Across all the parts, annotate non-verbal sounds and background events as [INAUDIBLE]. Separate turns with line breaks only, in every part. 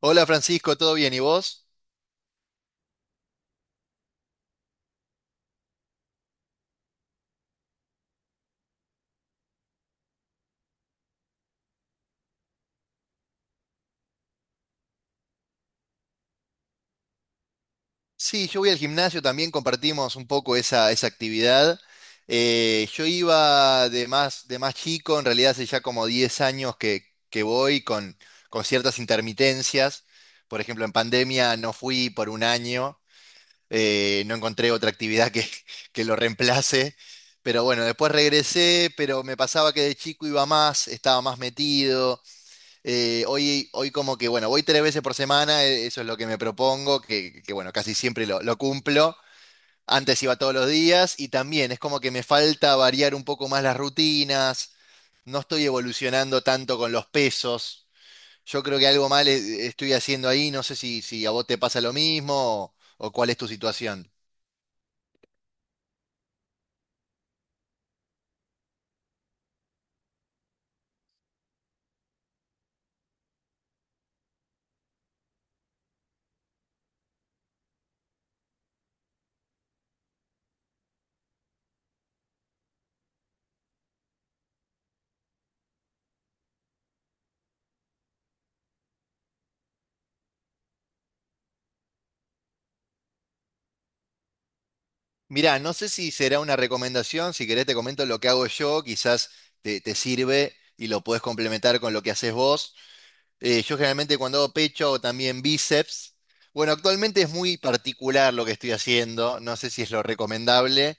Hola Francisco, ¿todo bien? ¿Y vos? Sí, yo voy al gimnasio, también compartimos un poco esa actividad. Yo iba de más chico, en realidad hace ya como 10 años que voy con ciertas intermitencias. Por ejemplo, en pandemia no fui por un año, no encontré otra actividad que, [LAUGHS] que lo reemplace. Pero bueno, después regresé, pero me pasaba que de chico iba más, estaba más metido. Hoy como que, bueno, voy tres veces por semana, eso es lo que me propongo, bueno, casi siempre lo cumplo. Antes iba todos los días y también es como que me falta variar un poco más las rutinas, no estoy evolucionando tanto con los pesos. Yo creo que algo mal estoy haciendo ahí, no sé si a vos te pasa lo mismo o cuál es tu situación. Mirá, no sé si será una recomendación, si querés te comento lo que hago yo, quizás te sirve y lo puedes complementar con lo que haces vos. Yo generalmente cuando hago pecho o también bíceps. Bueno, actualmente es muy particular lo que estoy haciendo. No sé si es lo recomendable,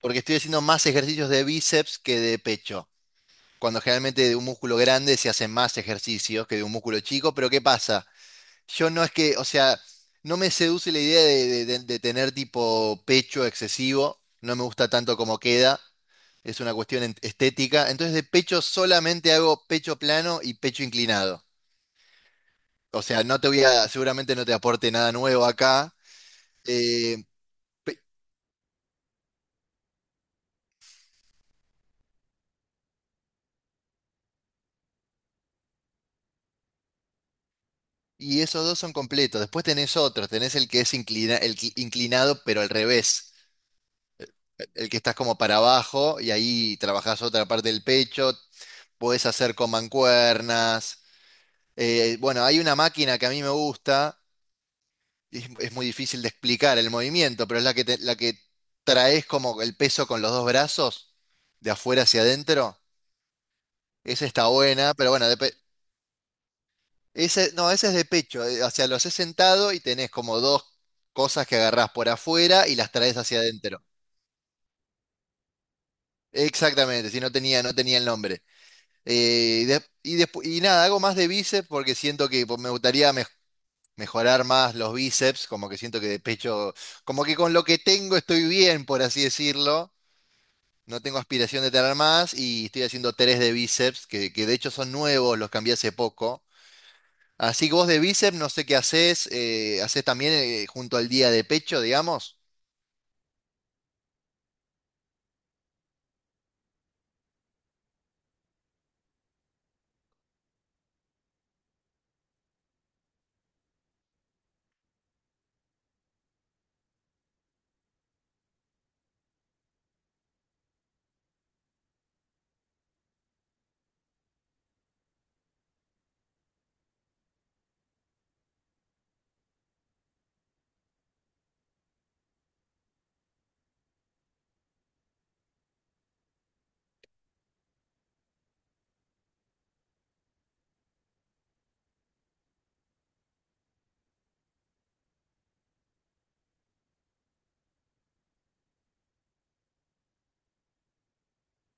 porque estoy haciendo más ejercicios de bíceps que de pecho. Cuando generalmente de un músculo grande se hacen más ejercicios que de un músculo chico, pero ¿qué pasa? Yo no es que, o sea, no me seduce la idea de tener tipo pecho excesivo. No me gusta tanto como queda. Es una estética. Entonces de pecho solamente hago pecho plano y pecho inclinado. O sea, no te voy a, seguramente no te aporte nada nuevo acá. eh, pe- y esos dos son completos. Después tenés otros, tenés el que es inclinado, pero al revés. El que estás como para abajo y ahí trabajás otra parte del pecho. Podés hacer con mancuernas. Bueno, hay una máquina que a mí me gusta. Es muy difícil de explicar el movimiento, pero es la que traes como el peso con los dos brazos, de afuera hacia adentro. Esa está buena, pero bueno, ese, no, ese es de pecho. O sea, lo haces sentado y tenés como dos cosas que agarrás por afuera y las traes hacia adentro. Exactamente, si no tenía, no tenía el nombre. Nada, hago más de bíceps porque siento que pues, me gustaría mejorar más los bíceps, como que siento que de pecho, como que con lo que tengo estoy bien, por así decirlo. No tengo aspiración de tener más y estoy haciendo tres de bíceps, que de hecho son nuevos, los cambié hace poco. Así que vos de bíceps, no sé qué haces, haces también junto al día de pecho, digamos.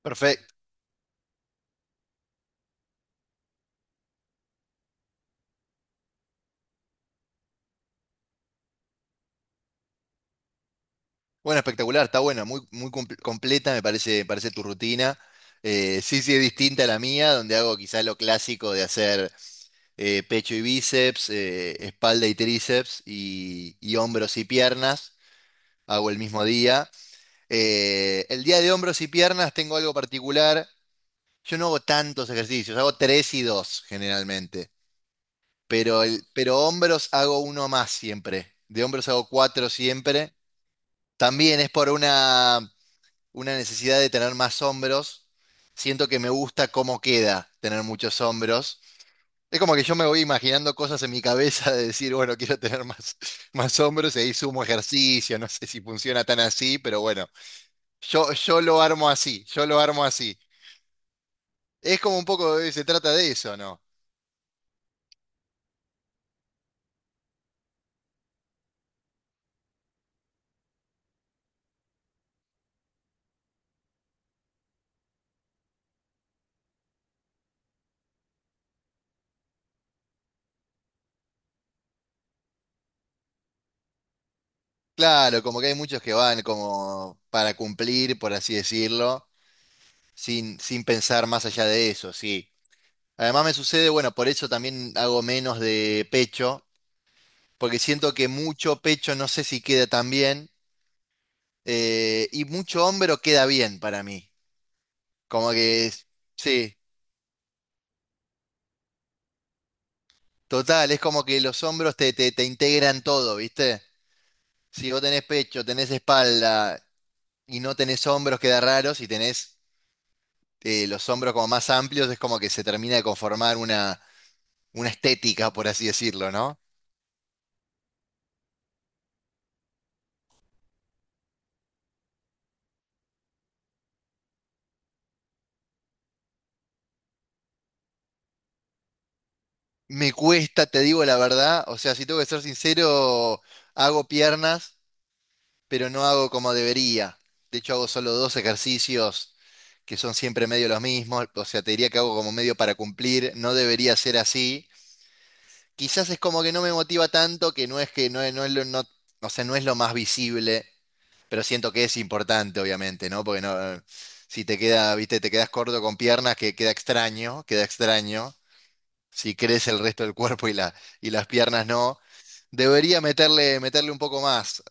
Perfecto. Bueno, espectacular, está buena, muy completa me parece, parece tu rutina. Sí, sí, es distinta a la mía, donde hago quizá lo clásico de hacer pecho y bíceps, espalda y tríceps y hombros y piernas, hago el mismo día. El día de hombros y piernas tengo algo particular, yo no hago tantos ejercicios, hago tres y dos generalmente. Pero hombros hago uno más siempre. De hombros hago cuatro siempre. También es por una necesidad de tener más hombros. Siento que me gusta cómo queda tener muchos hombros. Es como que yo me voy imaginando cosas en mi cabeza de decir, bueno, quiero tener más, [LAUGHS] más hombros y ahí sumo ejercicio. No sé si funciona tan así, pero bueno, yo lo armo así, yo lo armo así. Es como un poco, se trata de eso, ¿no? Claro, como que hay muchos que van como para cumplir, por así decirlo. Sin pensar más allá de eso, sí. Además me sucede, bueno, por eso también hago menos de pecho, porque siento que mucho pecho no sé si queda tan bien, y mucho hombro queda bien para mí. Como que, es- sí, total, es como que los hombros te integran todo, ¿viste? Si vos tenés pecho, tenés espalda y no tenés hombros, queda raro. Si tenés los hombros como más amplios, es como que se termina de conformar una estética, por así decirlo, ¿no? Me cuesta, te digo la verdad. O sea, si tengo que ser sincero, hago piernas, pero no hago como debería. De hecho, hago solo dos ejercicios que son siempre medio los mismos. O sea, te diría que hago como medio para cumplir. No debería ser así. Quizás es como que no me motiva tanto, que no es que no, no es lo, no, o sea, no es lo más visible, pero siento que es importante, obviamente, ¿no? Porque no, si te queda, viste, te quedas corto con piernas, que queda extraño, queda extraño. Si crece el resto del cuerpo y y las piernas no. Debería meterle, meterle un poco más.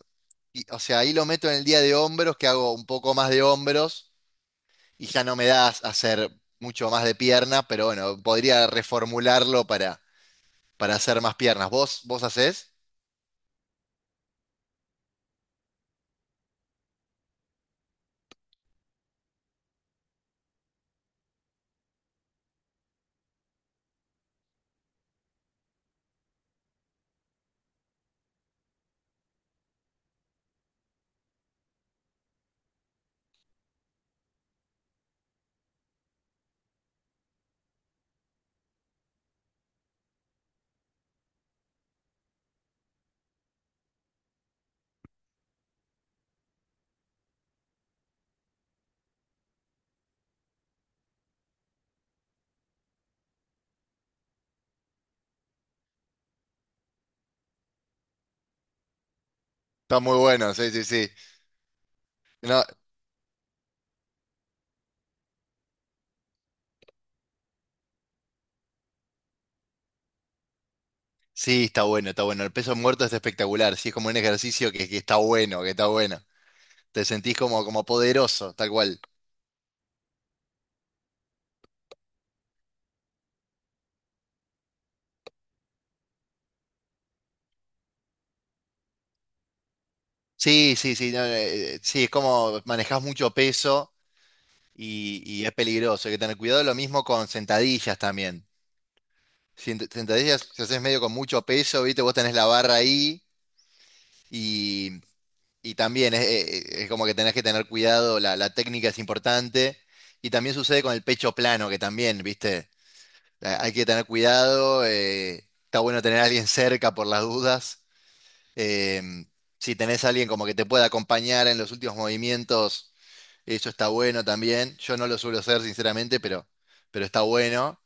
O sea, ahí lo meto en el día de hombros, que hago un poco más de hombros y ya no me da hacer mucho más de pierna, pero bueno, podría reformularlo para hacer más piernas. ¿Vos, vos hacés? Está muy bueno, sí, sí, sí. No, sí, está bueno, está bueno. El peso muerto es espectacular, sí, es como un ejercicio que está bueno, que está bueno. Te sentís como, como poderoso, tal cual. Sí, sí, sí, no, sí, es como manejás mucho peso y es peligroso. Hay que tener cuidado. Lo mismo con sentadillas también. Sentadillas, si haces medio con mucho peso, ¿viste? Vos tenés la barra ahí y, y también es como que tenés que tener cuidado. La técnica es importante. Y también sucede con el pecho plano, que también, ¿viste? Hay que tener cuidado. Está bueno tener a alguien cerca por las dudas. Em, si tenés a alguien como que te pueda acompañar en los últimos movimientos, eso está bueno también. Yo no lo suelo hacer, sinceramente, pero está bueno.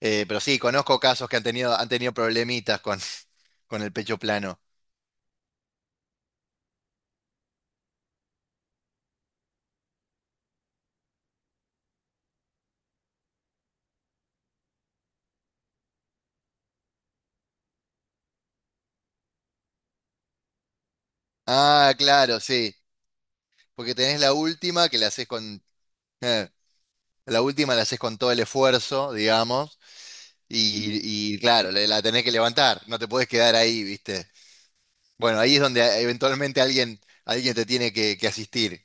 Pero sí, conozco casos que han tenido problemitas con, [LAUGHS] con el pecho plano. Ah, claro, sí. Porque tenés la última que la haces con. eh, la última la haces con todo el esfuerzo, digamos. Y claro, la tenés que levantar. No te podés quedar ahí, ¿viste? Bueno, ahí es donde eventualmente alguien te tiene que asistir.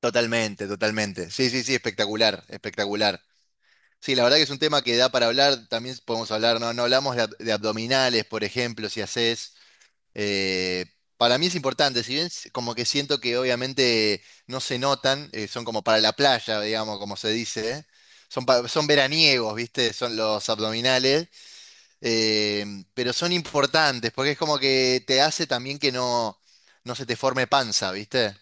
Totalmente, totalmente. Sí, sí, sí, espectacular, espectacular. Sí, la verdad que es un tema que da para hablar, también podemos hablar, no, no hablamos de abdominales, por ejemplo, si haces, eh, para mí es importante, si bien como que siento que obviamente no se notan, son como para la playa, digamos, como se dice, ¿eh? Son veraniegos, ¿viste? Son los abdominales, eh, pero son importantes, porque es como que te hace también que no, no se te forme panza, ¿viste?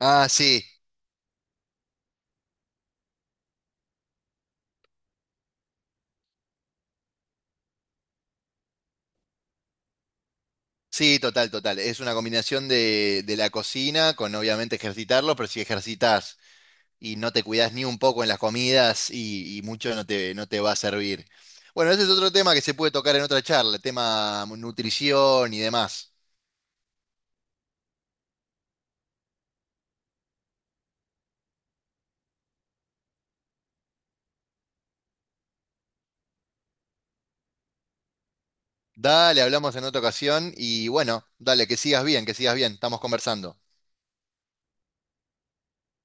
Ah, sí. Sí, total, total. Es una combinación de la cocina con obviamente ejercitarlo, pero si ejercitas y no te cuidas ni un poco en las comidas y mucho no te va a servir. Bueno, ese es otro tema que se puede tocar en otra charla, el tema nutrición y demás. Dale, hablamos en otra ocasión y bueno, dale, que sigas bien, estamos conversando.